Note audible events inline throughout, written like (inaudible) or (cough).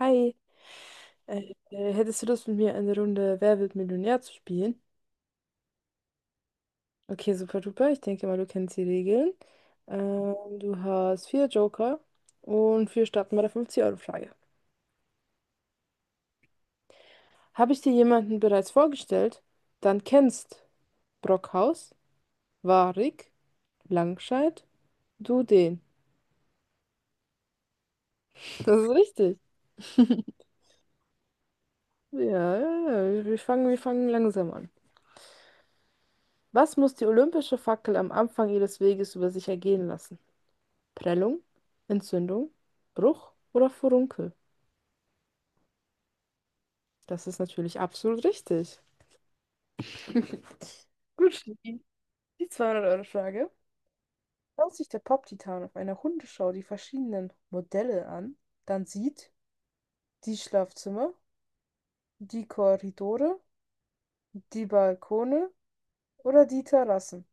Hi, hättest du Lust mit mir eine Runde Wer wird Millionär zu spielen? Okay, super duper. Ich denke mal, du kennst die Regeln. Ähm, du hast vier Joker und wir starten bei der 50-Euro-Frage. Habe ich dir jemanden bereits vorgestellt? Dann kennst Brockhaus, Warik, Langscheid, du den. (laughs) Das ist richtig. Ja, ja, ja. Wir fangen langsam an. Was muss die olympische Fackel am Anfang ihres Weges über sich ergehen lassen? Prellung, Entzündung, Bruch oder Furunkel? Das ist natürlich absolut richtig. Gut, Schnee. Die 200-Euro-Frage. Schaut sich der Pop-Titan auf einer Hundeschau die verschiedenen Modelle an, dann sieht die Schlafzimmer, die Korridore, die Balkone oder die Terrassen.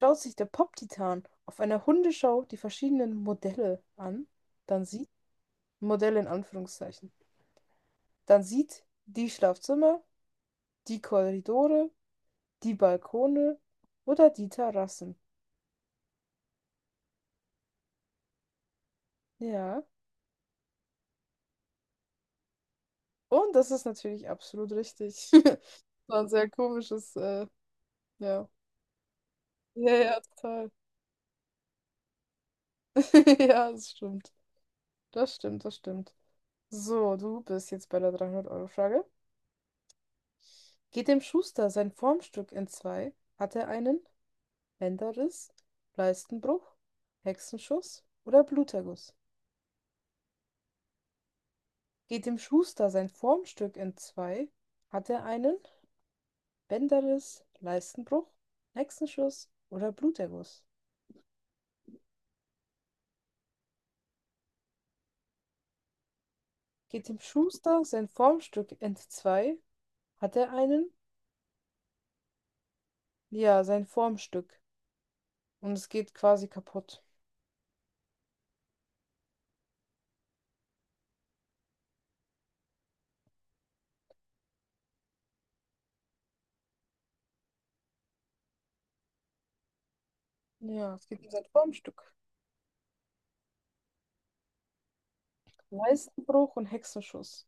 Schaut sich der Pop-Titan auf einer Hundeschau die verschiedenen Modelle an, dann sieht Modelle in Anführungszeichen, dann sieht die Schlafzimmer, die Korridore, die Balkone oder die Terrassen. Ja. Und das ist natürlich absolut richtig. (laughs) Das war ein sehr komisches, ja. Ja, ja, total. (laughs) Ja, das stimmt. Das stimmt, das stimmt. So, du bist jetzt bei der 300-Euro-Frage. Geht dem Schuster sein Formstück in zwei? Hat er einen Bänderriss, Leistenbruch, Hexenschuss oder Bluterguss? Geht dem Schuster sein Formstück in zwei? Hat er einen Bänderriss, Leistenbruch, Hexenschuss oder Bluterguss? Geht dem Schuster sein Formstück entzwei, hat er einen? Ja, sein Formstück. Und es geht quasi kaputt. Ja, es geht um sein Formstück. Leistenbruch und Hexenschuss.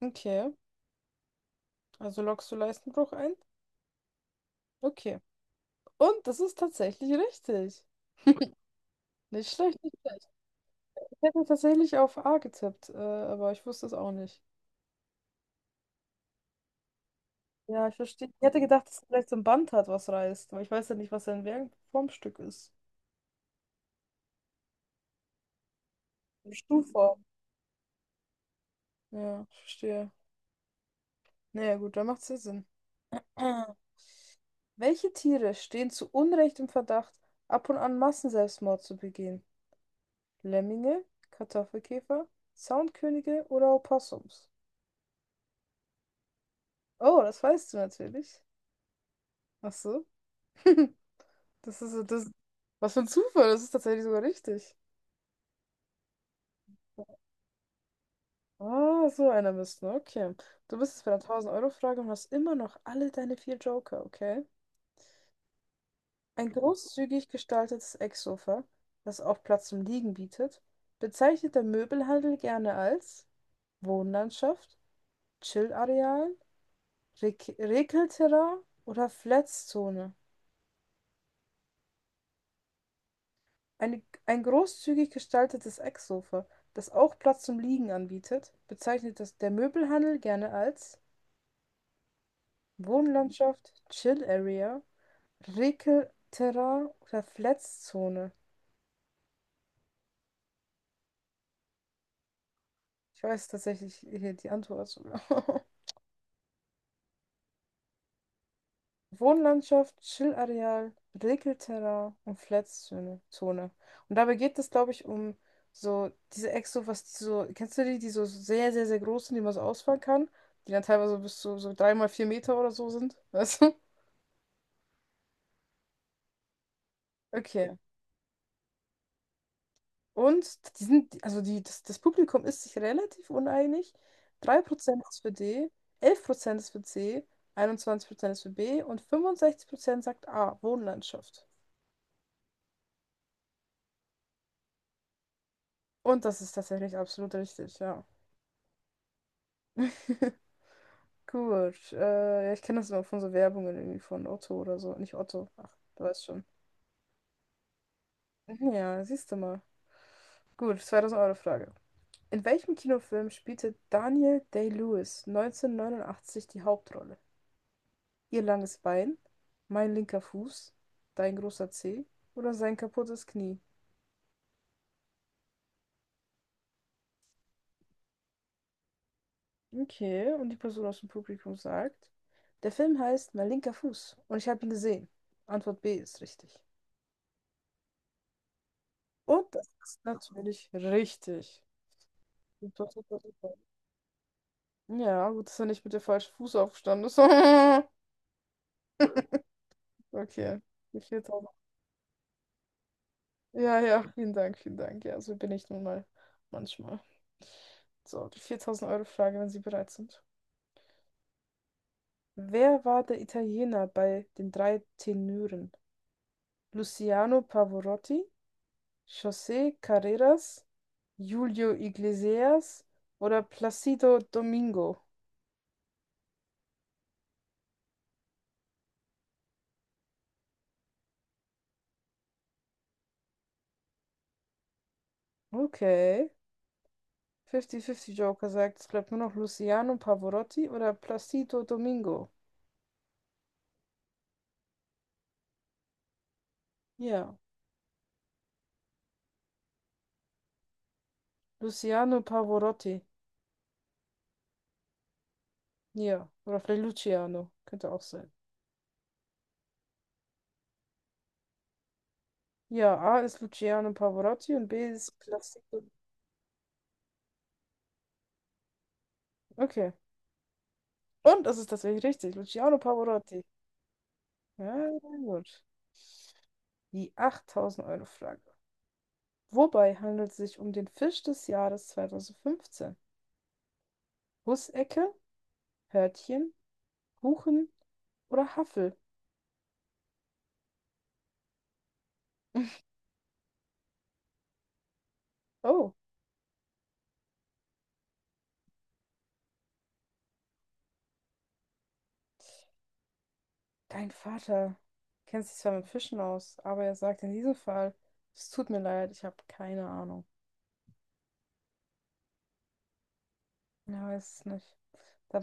Okay, also loggst du Leistenbruch ein? Okay. Und das ist tatsächlich richtig. Nicht schlecht, nicht schlecht. Ich hätte tatsächlich auf A getippt, aber ich wusste es auch nicht. Ja, ich verstehe. Ich hätte gedacht, dass er vielleicht so ein Band hat, was reißt. Aber ich weiß ja nicht, was sein in welchem Formstück ist. In Stuhlform. Ja, ich verstehe. Naja, gut, dann macht's ja Sinn. (clears throat) Welche Tiere stehen zu Unrecht im Verdacht, ab und an Massenselbstmord zu begehen? Lemminge, Kartoffelkäfer, Soundkönige oder Opossums? Oh, das weißt du natürlich. Ach so. (laughs) Das ist, so, das, was für ein Zufall, das ist tatsächlich sogar richtig. Ah, so einer bist du. Okay. Du bist jetzt bei der 1000-Euro-Frage und hast immer noch alle deine vier Joker, okay? Ein großzügig gestaltetes Ecksofa, das auch Platz zum Liegen bietet, bezeichnet der Möbelhandel gerne als Wohnlandschaft, Chill-Areal, Rekelterrain oder Flatzzone. Eine, ein großzügig gestaltetes Ecksofa, das auch Platz zum Liegen anbietet, bezeichnet das der Möbelhandel gerne als Wohnlandschaft, Chill-Area, Rekelterrain oder Fletzzone? Ich weiß tatsächlich hier die Antwort sogar. (laughs) Wohnlandschaft, Chillareal, Rekelterrain und Fletzzone. Zone. Und dabei geht es, glaube ich, um so diese was die so, kennst du die, die so sehr, sehr, sehr groß sind, die man so ausfahren kann? Die dann teilweise bis zu so 3 mal 4 Meter oder so sind. (laughs) Weißt du? Okay. Und die sind, also die, das, das Publikum ist sich relativ uneinig. 3% ist für D, 11% ist für C, 21% ist für B und 65% sagt A, Wohnlandschaft. Und das ist tatsächlich absolut richtig, ja. (laughs) Gut, ja, ich kenne das immer von so Werbungen irgendwie von Otto oder so. Nicht Otto, ach, du weißt schon. Ja, siehst du mal. Gut, 2000-Euro-Frage. In welchem Kinofilm spielte Daniel Day-Lewis 1989 die Hauptrolle? Ihr langes Bein, mein linker Fuß, dein großer Zeh oder sein kaputtes Knie? Okay, und die Person aus dem Publikum sagt, der Film heißt Mein linker Fuß und ich habe ihn gesehen. Antwort B ist richtig. Und das ist natürlich richtig. Super, super, super. Ja, gut, dass er nicht mit dem falschen Fuß aufgestanden ist. (laughs) Okay, die 4000. Ja, ja, vielen Dank, vielen Dank. Ja, so bin ich nun mal manchmal. So, die 4000-Euro-Frage, wenn Sie bereit sind. Wer war der Italiener bei den drei Tenören? Luciano Pavarotti, José Carreras, Julio Iglesias oder Placido Domingo? Okay. 50-50 Joker sagt, es bleibt nur noch Luciano Pavarotti oder Placido Domingo. Ja, Luciano Pavarotti. Ja, oder vielleicht Luciano. Könnte auch sein. Ja, A ist Luciano Pavarotti und B ist Placido. Okay. Und das ist tatsächlich richtig. Luciano Pavarotti. Ja, gut. Die 8000-Euro-Frage. Wobei handelt es sich um den Fisch des Jahres 2015? Hussecke, Hörtchen, Huchen oder Haffel? (laughs) Oh, dein Vater kennt sich zwar mit Fischen aus, aber er sagt in diesem Fall, es tut mir leid, ich habe keine Ahnung. Ja, weiß es nicht. Da,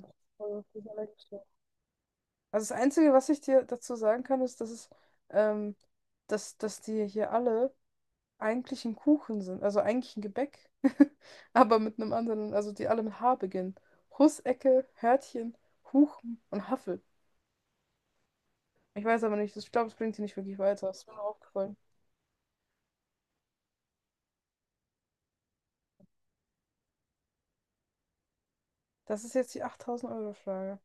also das Einzige, was ich dir dazu sagen kann, ist, dass es, ähm, dass, dass die hier alle eigentlich ein Kuchen sind, also eigentlich ein Gebäck, (laughs) aber mit einem anderen, also die alle mit H beginnen. Hussecke, Hörtchen, Huchen und Haffel. Ich weiß aber nicht, ich glaube, es bringt sie nicht wirklich weiter. Das ist mir nur aufgefallen. Das ist jetzt die 8000-Euro-Frage.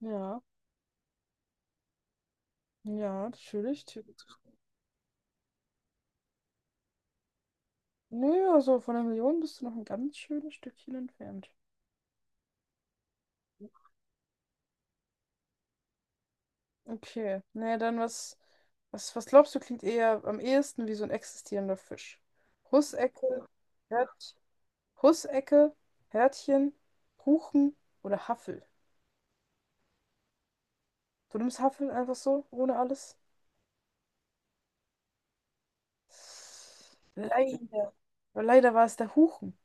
Ja, ja, natürlich. Nö, also von der Million bist du noch ein ganz schönes Stückchen entfernt. Okay, naja, was, was, glaubst du, klingt eher am ehesten wie so ein existierender Fisch? Hussecke, Hört, Hussecke, Hörtchen, Huchen oder Haffel. Du nimmst Haffel einfach so, ohne alles? Leider. Aber leider war es der Huchen.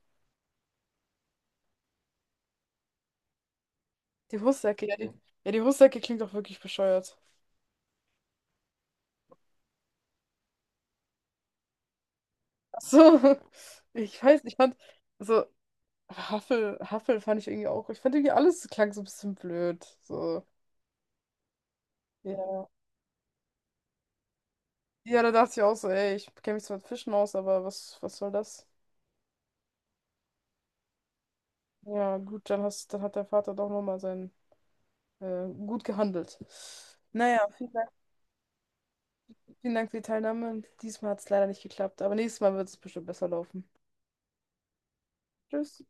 Die Hussecke, ja, die Hussecke klingt doch wirklich bescheuert. Ach so, (laughs) ich weiß, ich fand, so, Haffel, Haffel fand ich irgendwie auch, ich fand irgendwie alles klang so ein bisschen blöd. So, ja. Ja, da dachte ich auch so, ey, ich kenne mich zwar mit Fischen aus, aber was soll das? Ja, gut, dann hat der Vater doch nochmal seinen gut gehandelt. Naja, vielen Dank für die Teilnahme. Diesmal hat es leider nicht geklappt, aber nächstes Mal wird es bestimmt besser laufen. Tschüss.